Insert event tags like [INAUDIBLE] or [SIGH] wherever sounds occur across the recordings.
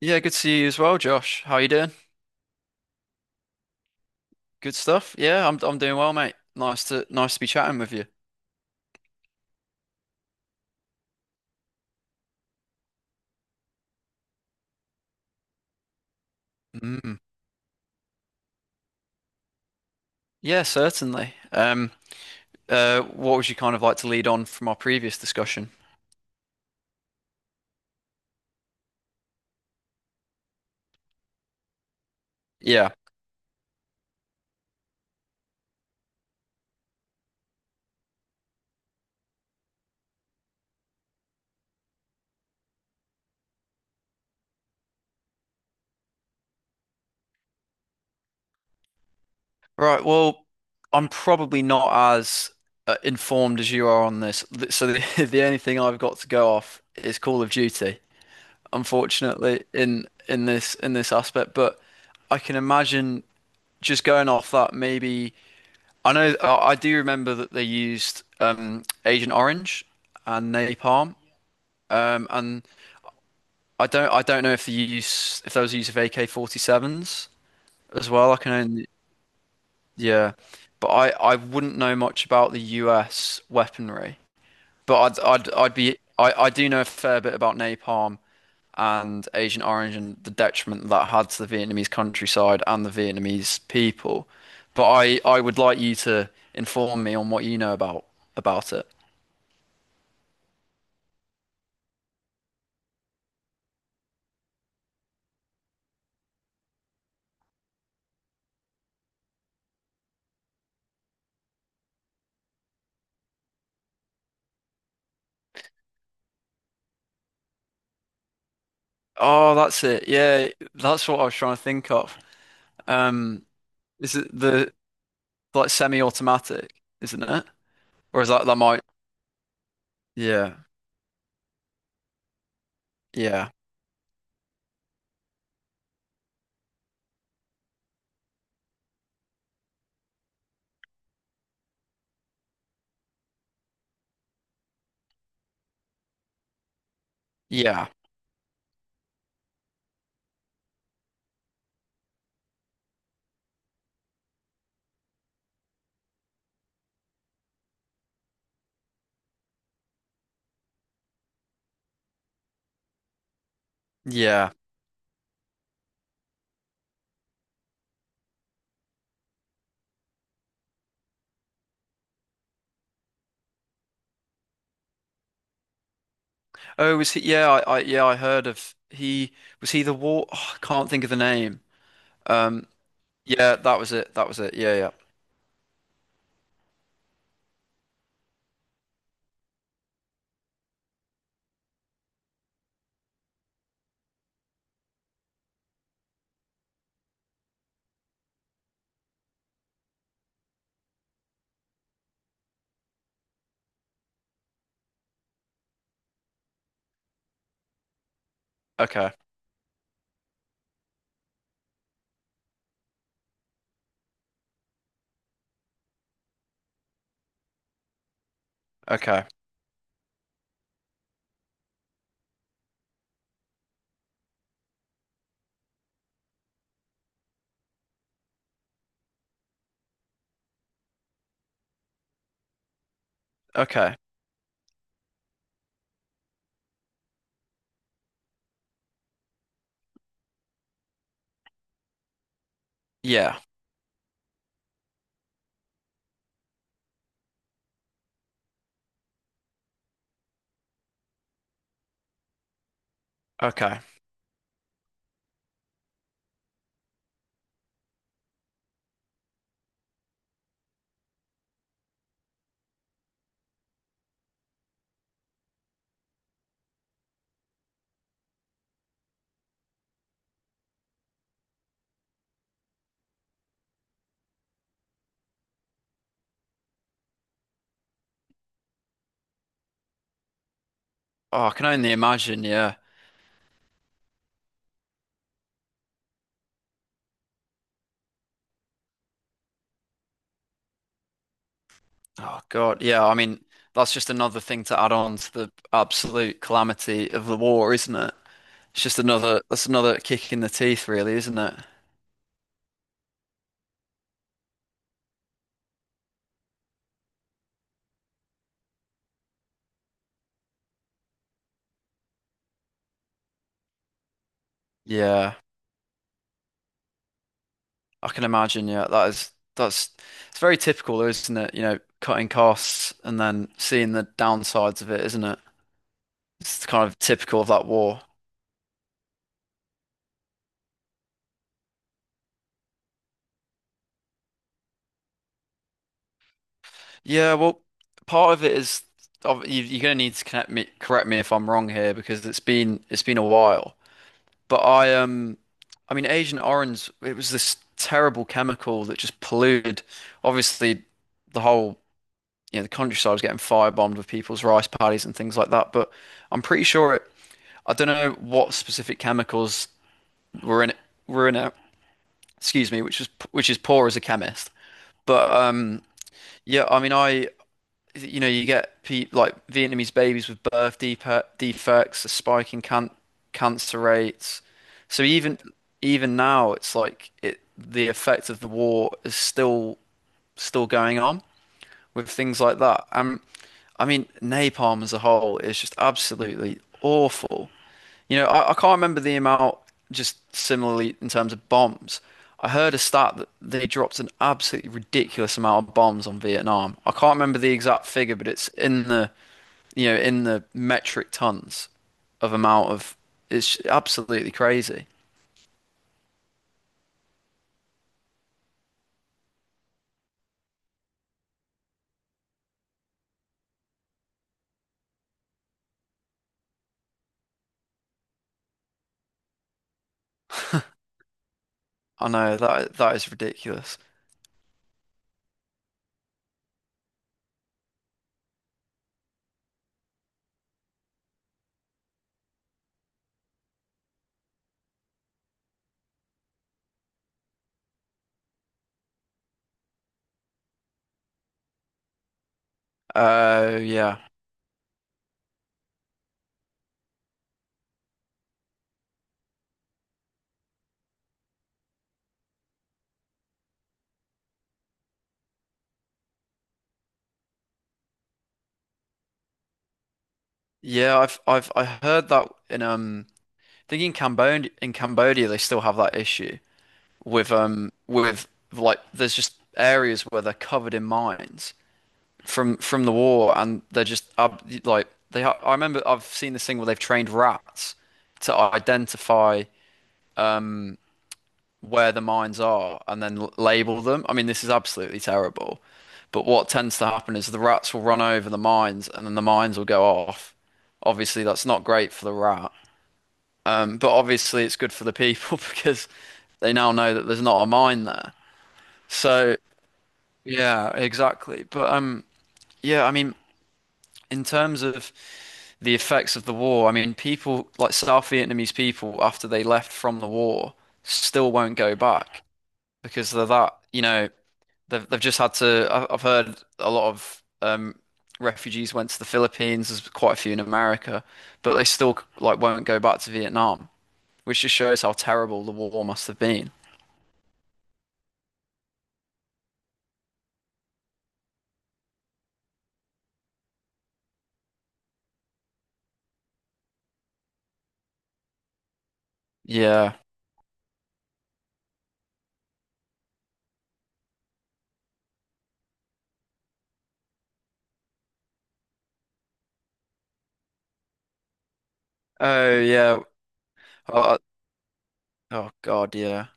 Yeah, good to see you as well, Josh. How you doing? Good stuff. Yeah, I'm doing well, mate. Nice to be chatting with you. Mm. Yeah, certainly. What would you kind of like to lead on from our previous discussion? Yeah. Right. Well, I'm probably not as informed as you are on this. So the [LAUGHS] the only thing I've got to go off is Call of Duty, unfortunately, in this aspect. But I can imagine just going off that maybe. I know, I do remember that they used Agent Orange and Napalm, and I don't know if the use, if there was a use of AK-47s as well. Yeah, but I wouldn't know much about the US weaponry, but I do know a fair bit about Napalm and Agent Orange and the detriment that had to the Vietnamese countryside and the Vietnamese people, but I would like you to inform me on what you know about it. Oh, that's it. Yeah, that's what I was trying to think of. Um, is it the like semi-automatic, isn't it? Or is that might? Yeah, yeah, yeah, yeah. Oh, was he? Yeah, I heard of he was he the war? Oh, I can't think of the name. Um, yeah, that was it. That was it. Yeah, yeah. Okay, okay, okay. Yeah, okay. Oh, I can only imagine. Yeah. Oh God. Yeah. I mean, that's just another thing to add on to the absolute calamity of the war, isn't it? It's just another that's another kick in the teeth, really, isn't it? Yeah, I can imagine. Yeah, that is that's it's very typical, though, isn't it? Cutting costs and then seeing the downsides of it, isn't it? It's kind of typical of that war. Yeah, well, part of it is you're gonna need to correct me if I'm wrong here because it's been a while. But I mean, Agent Orange, it was this terrible chemical that just polluted, obviously, the whole, you know, the countryside was getting firebombed with people's rice paddies and things like that. But I'm pretty sure it, I don't know what specific chemicals were in it, were in it, excuse me, which is poor as a chemist. But yeah, I mean, you get pe like Vietnamese babies with birth defects, a spike in cancer rates. So even now, it's like it the effect of the war is still going on with things like that. I mean, napalm as a whole is just absolutely awful. You know, I can't remember the amount, just similarly in terms of bombs. I heard a stat that they dropped an absolutely ridiculous amount of bombs on Vietnam. I can't remember the exact figure, but it's in the metric tons of amount of, it's absolutely crazy. I know that that is ridiculous. Yeah. Yeah, I heard that in I think in Cambodia, they still have that issue with like there's just areas where they're covered in mines from the war, and they're just ab like they. Ha, I remember I've seen this thing where they've trained rats to identify um where the mines are and then label them. I mean, this is absolutely terrible. But what tends to happen is the rats will run over the mines and then the mines will go off. Obviously, that's not great for the rat. But obviously, it's good for the people [LAUGHS] because they now know that there's not a mine there. So yeah, exactly. But yeah, I mean, in terms of the effects of the war, I mean, people like South Vietnamese people after they left from the war still won't go back because they're that, you know, they've just had to. I've heard a lot of refugees went to the Philippines. There's quite a few in America, but they still like won't go back to Vietnam, which just shows how terrible the war must have been. Yeah. Oh yeah. Oh, I- oh God, yeah.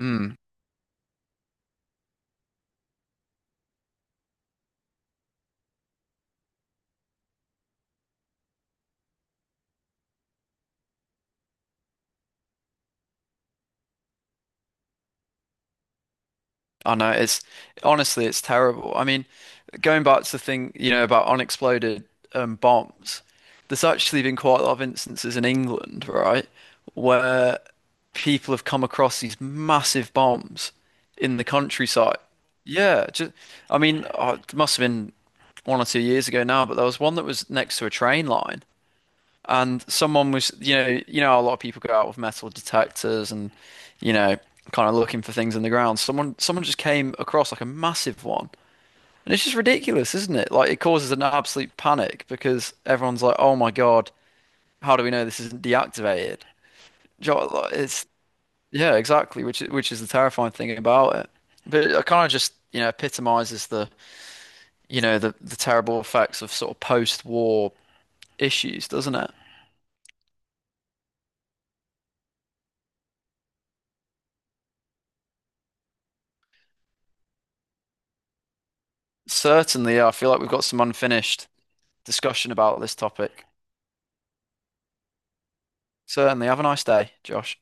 Mm. I know it's honestly it's terrible. I mean, going back to the thing, about unexploded bombs, there's actually been quite a lot of instances in England, right, where people have come across these massive bombs in the countryside. Yeah, just I mean, oh, it must have been 1 or 2 years ago now, but there was one that was next to a train line. And someone was, how a lot of people go out with metal detectors and, you know, kind of looking for things in the ground. Someone just came across like a massive one, and it's just ridiculous, isn't it? Like it causes an absolute panic because everyone's like, "Oh my God, how do we know this isn't deactivated?" Do you know what, like, It's yeah, exactly, which is the terrifying thing about it. But it kind of just, you know, epitomizes the, you know, the terrible effects of sort of post-war issues, doesn't it? Certainly, yeah, I feel like we've got some unfinished discussion about this topic. Certainly. Have a nice day, Josh.